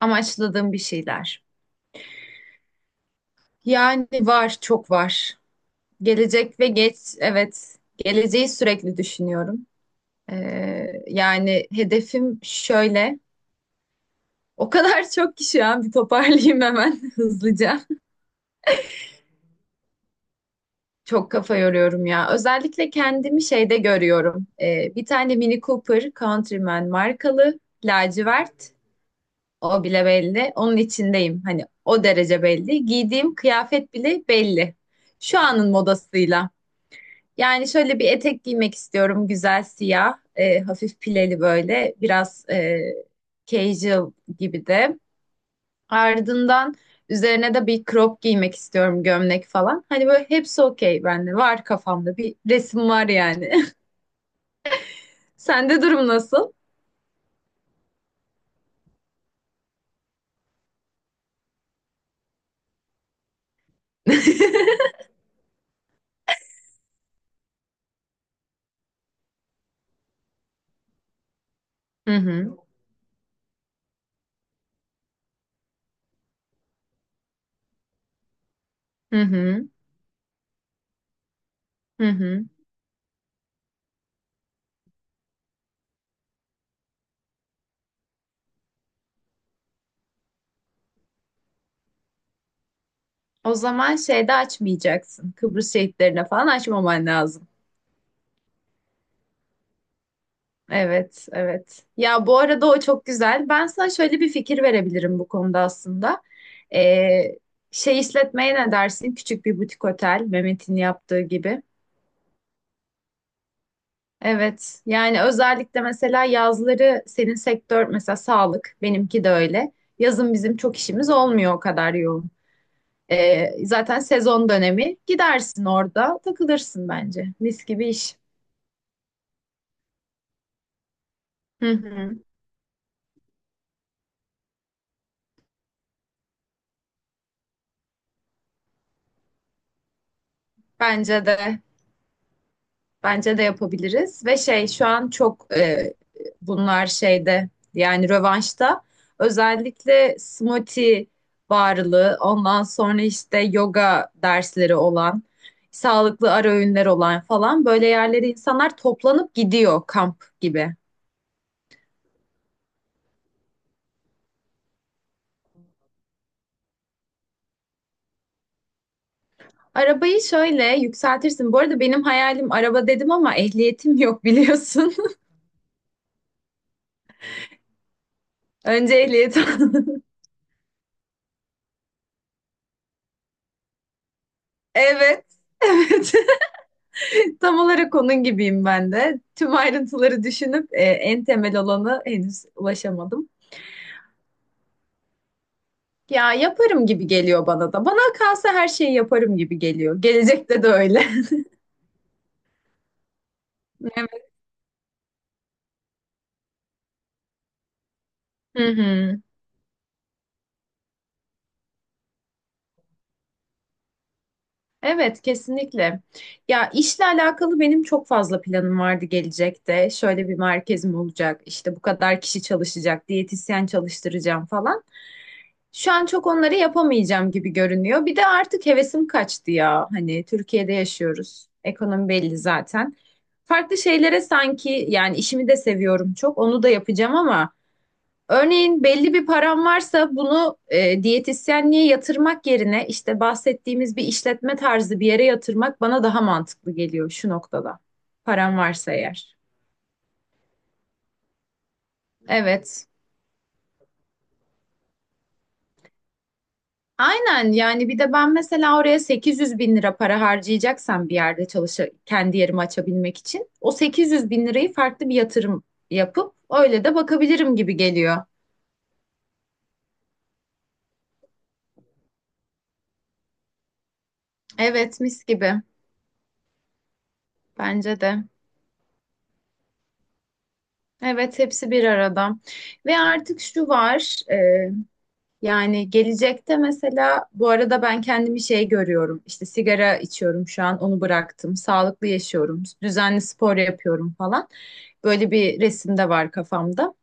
Amaçladığım bir şeyler. Yani var, çok var. Gelecek ve geç, evet. Geleceği sürekli düşünüyorum. Yani hedefim şöyle. O kadar çok ki şu an bir toparlayayım hemen hızlıca. Çok kafa yoruyorum ya. Özellikle kendimi şeyde görüyorum. Bir tane Mini Cooper Countryman markalı, lacivert. O bile belli. Onun içindeyim. Hani o derece belli. Giydiğim kıyafet bile belli. Şu anın modasıyla. Yani şöyle bir etek giymek istiyorum. Güzel siyah, hafif pileli böyle. Biraz casual gibi de. Ardından üzerine de bir crop giymek istiyorum. Gömlek falan. Hani böyle hepsi okey bende. Var kafamda bir resim var yani. Sende durum nasıl? Hı hı, hı hı, hı hı. O zaman şeyde açmayacaksın. Kıbrıs şehitlerine falan açmaman lazım. Evet, evet. Ya bu arada o çok güzel. Ben sana şöyle bir fikir verebilirim bu konuda aslında. Ee, Şey işletmeye ne dersin? Küçük bir butik otel, Mehmet'in yaptığı gibi. Evet, yani özellikle mesela yazları senin sektör mesela sağlık, benimki de öyle. Yazın bizim çok işimiz olmuyor o kadar yoğun. Zaten sezon dönemi gidersin orada takılırsın bence. Mis gibi iş. Hı hı, bence de. Bence de yapabiliriz ve şey şu an çok bunlar şeyde yani rövanşta özellikle smoothie varlığı ondan sonra işte yoga dersleri olan sağlıklı ara öğünler olan falan böyle yerlere insanlar toplanıp gidiyor kamp gibi. Arabayı şöyle yükseltirsin. Bu arada benim hayalim araba dedim ama ehliyetim yok biliyorsun. Önce ehliyet al. Evet. Evet. Tam olarak onun gibiyim ben de. Tüm ayrıntıları düşünüp en temel olanı henüz ulaşamadım. Ya yaparım gibi geliyor bana da. Bana kalsa her şeyi yaparım gibi geliyor. Gelecekte de öyle. Evet. Hı hı. Evet, kesinlikle. Ya işle alakalı benim çok fazla planım vardı gelecekte. Şöyle bir merkezim olacak, işte bu kadar kişi çalışacak, diyetisyen çalıştıracağım falan. Şu an çok onları yapamayacağım gibi görünüyor. Bir de artık hevesim kaçtı ya. Hani Türkiye'de yaşıyoruz. Ekonomi belli zaten. Farklı şeylere sanki yani işimi de seviyorum çok. Onu da yapacağım ama örneğin belli bir param varsa bunu diyetisyenliğe yatırmak yerine işte bahsettiğimiz bir işletme tarzı bir yere yatırmak bana daha mantıklı geliyor şu noktada. Param varsa eğer. Evet. Aynen yani bir de ben mesela oraya 800 bin lira para harcayacaksam bir yerde çalışa kendi yerimi açabilmek için o 800 bin lirayı farklı bir yatırım yapıp öyle de bakabilirim gibi geliyor. Evet mis gibi bence de. Evet hepsi bir arada. Ve artık şu var, yani gelecekte mesela bu arada ben kendimi şey görüyorum. İşte sigara içiyorum şu an onu bıraktım. Sağlıklı yaşıyorum. Düzenli spor yapıyorum falan. Böyle bir resim de var kafamda.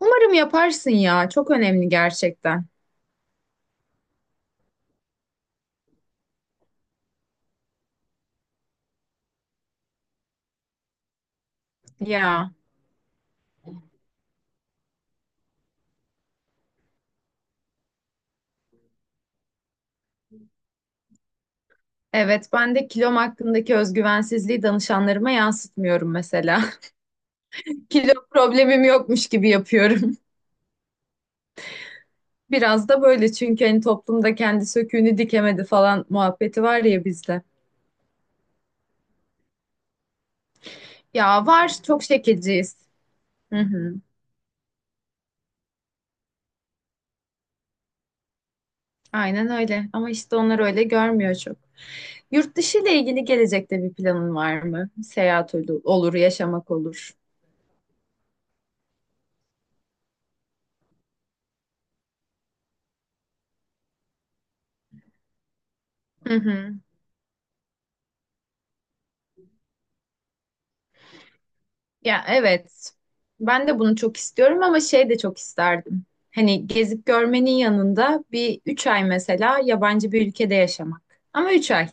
Umarım yaparsın ya. Çok önemli gerçekten. Ya. Evet, ben de kilom hakkındaki özgüvensizliği danışanlarıma yansıtmıyorum mesela. Kilo problemim yokmuş gibi yapıyorum. Biraz da böyle çünkü hani toplumda kendi söküğünü dikemedi falan muhabbeti var ya bizde. Ya var çok şekilciyiz. Hı hı. Aynen öyle ama işte onlar öyle görmüyor çok. Yurt dışı ile ilgili gelecekte bir planın var mı? Seyahat olur, yaşamak olur. Hı hı. Ya evet. Ben de bunu çok istiyorum ama şey de çok isterdim. Hani gezip görmenin yanında bir 3 ay mesela yabancı bir ülkede yaşamak. Ama 3 ay.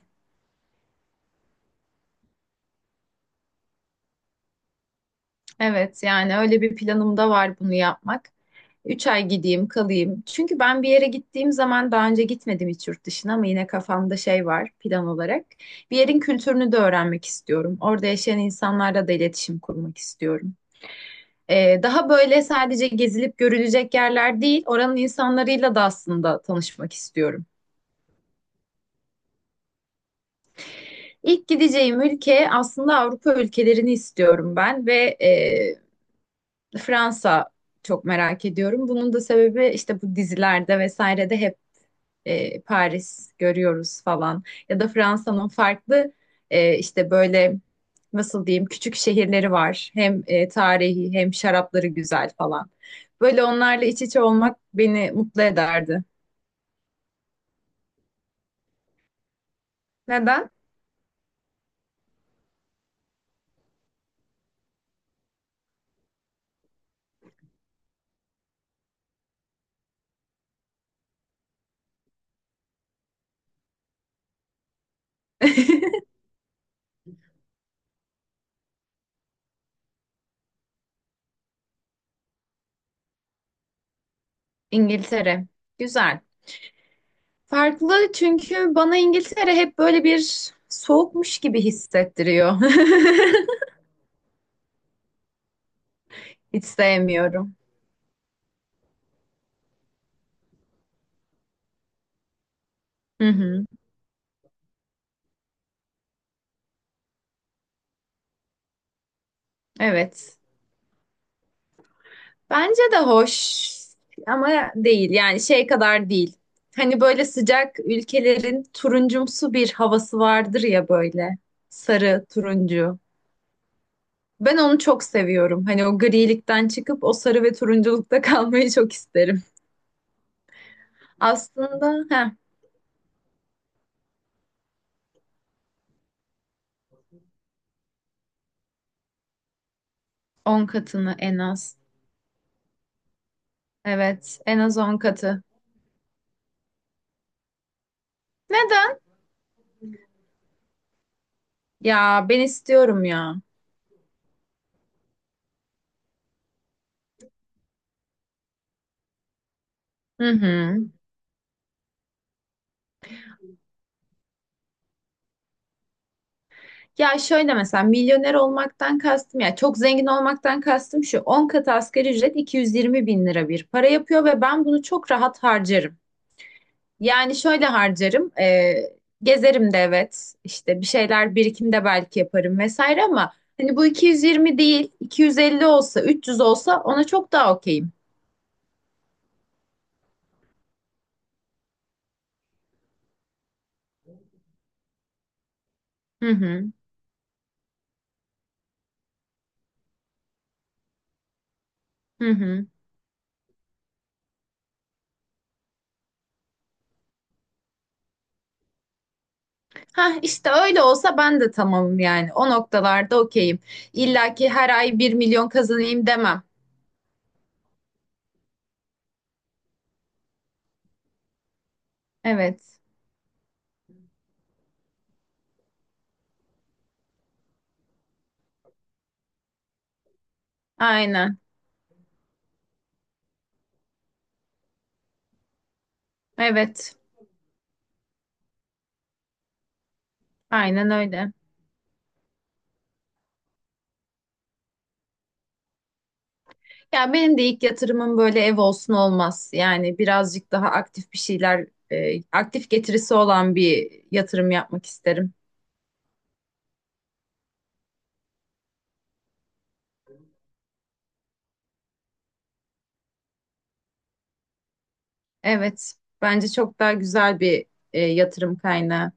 Evet yani öyle bir planım da var bunu yapmak. 3 ay gideyim kalayım. Çünkü ben bir yere gittiğim zaman daha önce gitmedim hiç yurt dışına ama yine kafamda şey var plan olarak. Bir yerin kültürünü de öğrenmek istiyorum. Orada yaşayan insanlarla da iletişim kurmak istiyorum. Daha böyle sadece gezilip görülecek yerler değil, oranın insanlarıyla da aslında tanışmak istiyorum. İlk gideceğim ülke aslında Avrupa ülkelerini istiyorum ben ve e, Fransa çok merak ediyorum. Bunun da sebebi işte bu dizilerde vesairede hep Paris görüyoruz falan. Ya da Fransa'nın farklı işte böyle nasıl diyeyim küçük şehirleri var. Hem tarihi hem şarapları güzel falan. Böyle onlarla iç içe olmak beni mutlu ederdi. Neden? İngiltere. Güzel. Farklı çünkü bana İngiltere hep böyle bir soğukmuş gibi hissettiriyor. Hiç sevmiyorum. Hı hı. Evet. Bence de hoş ama değil. Yani şey kadar değil. Hani böyle sıcak ülkelerin turuncumsu bir havası vardır ya böyle. Sarı, turuncu. Ben onu çok seviyorum. Hani o grilikten çıkıp o sarı ve turunculukta kalmayı çok isterim. Aslında 10 katını en az. Evet, en az 10 katı. Neden? Ya ben istiyorum ya. Hı hı. Ya şöyle mesela milyoner olmaktan kastım ya çok zengin olmaktan kastım şu 10 katı asgari ücret 220 bin lira bir para yapıyor ve ben bunu çok rahat harcarım. Yani şöyle harcarım gezerim de evet işte bir şeyler birikim de belki yaparım vesaire ama hani bu 220 değil 250 olsa 300 olsa ona çok daha okeyim. Hı hı hı hı. Ha işte öyle olsa ben de tamamım yani o noktalarda okeyim. İlla ki her ay 1 milyon kazanayım demem. Evet. Aynen. Evet, aynen öyle. Ya benim de ilk yatırımım böyle ev olsun olmaz. Yani birazcık daha aktif bir şeyler, aktif getirisi olan bir yatırım yapmak isterim. Evet, bence çok daha güzel bir yatırım kaynağı.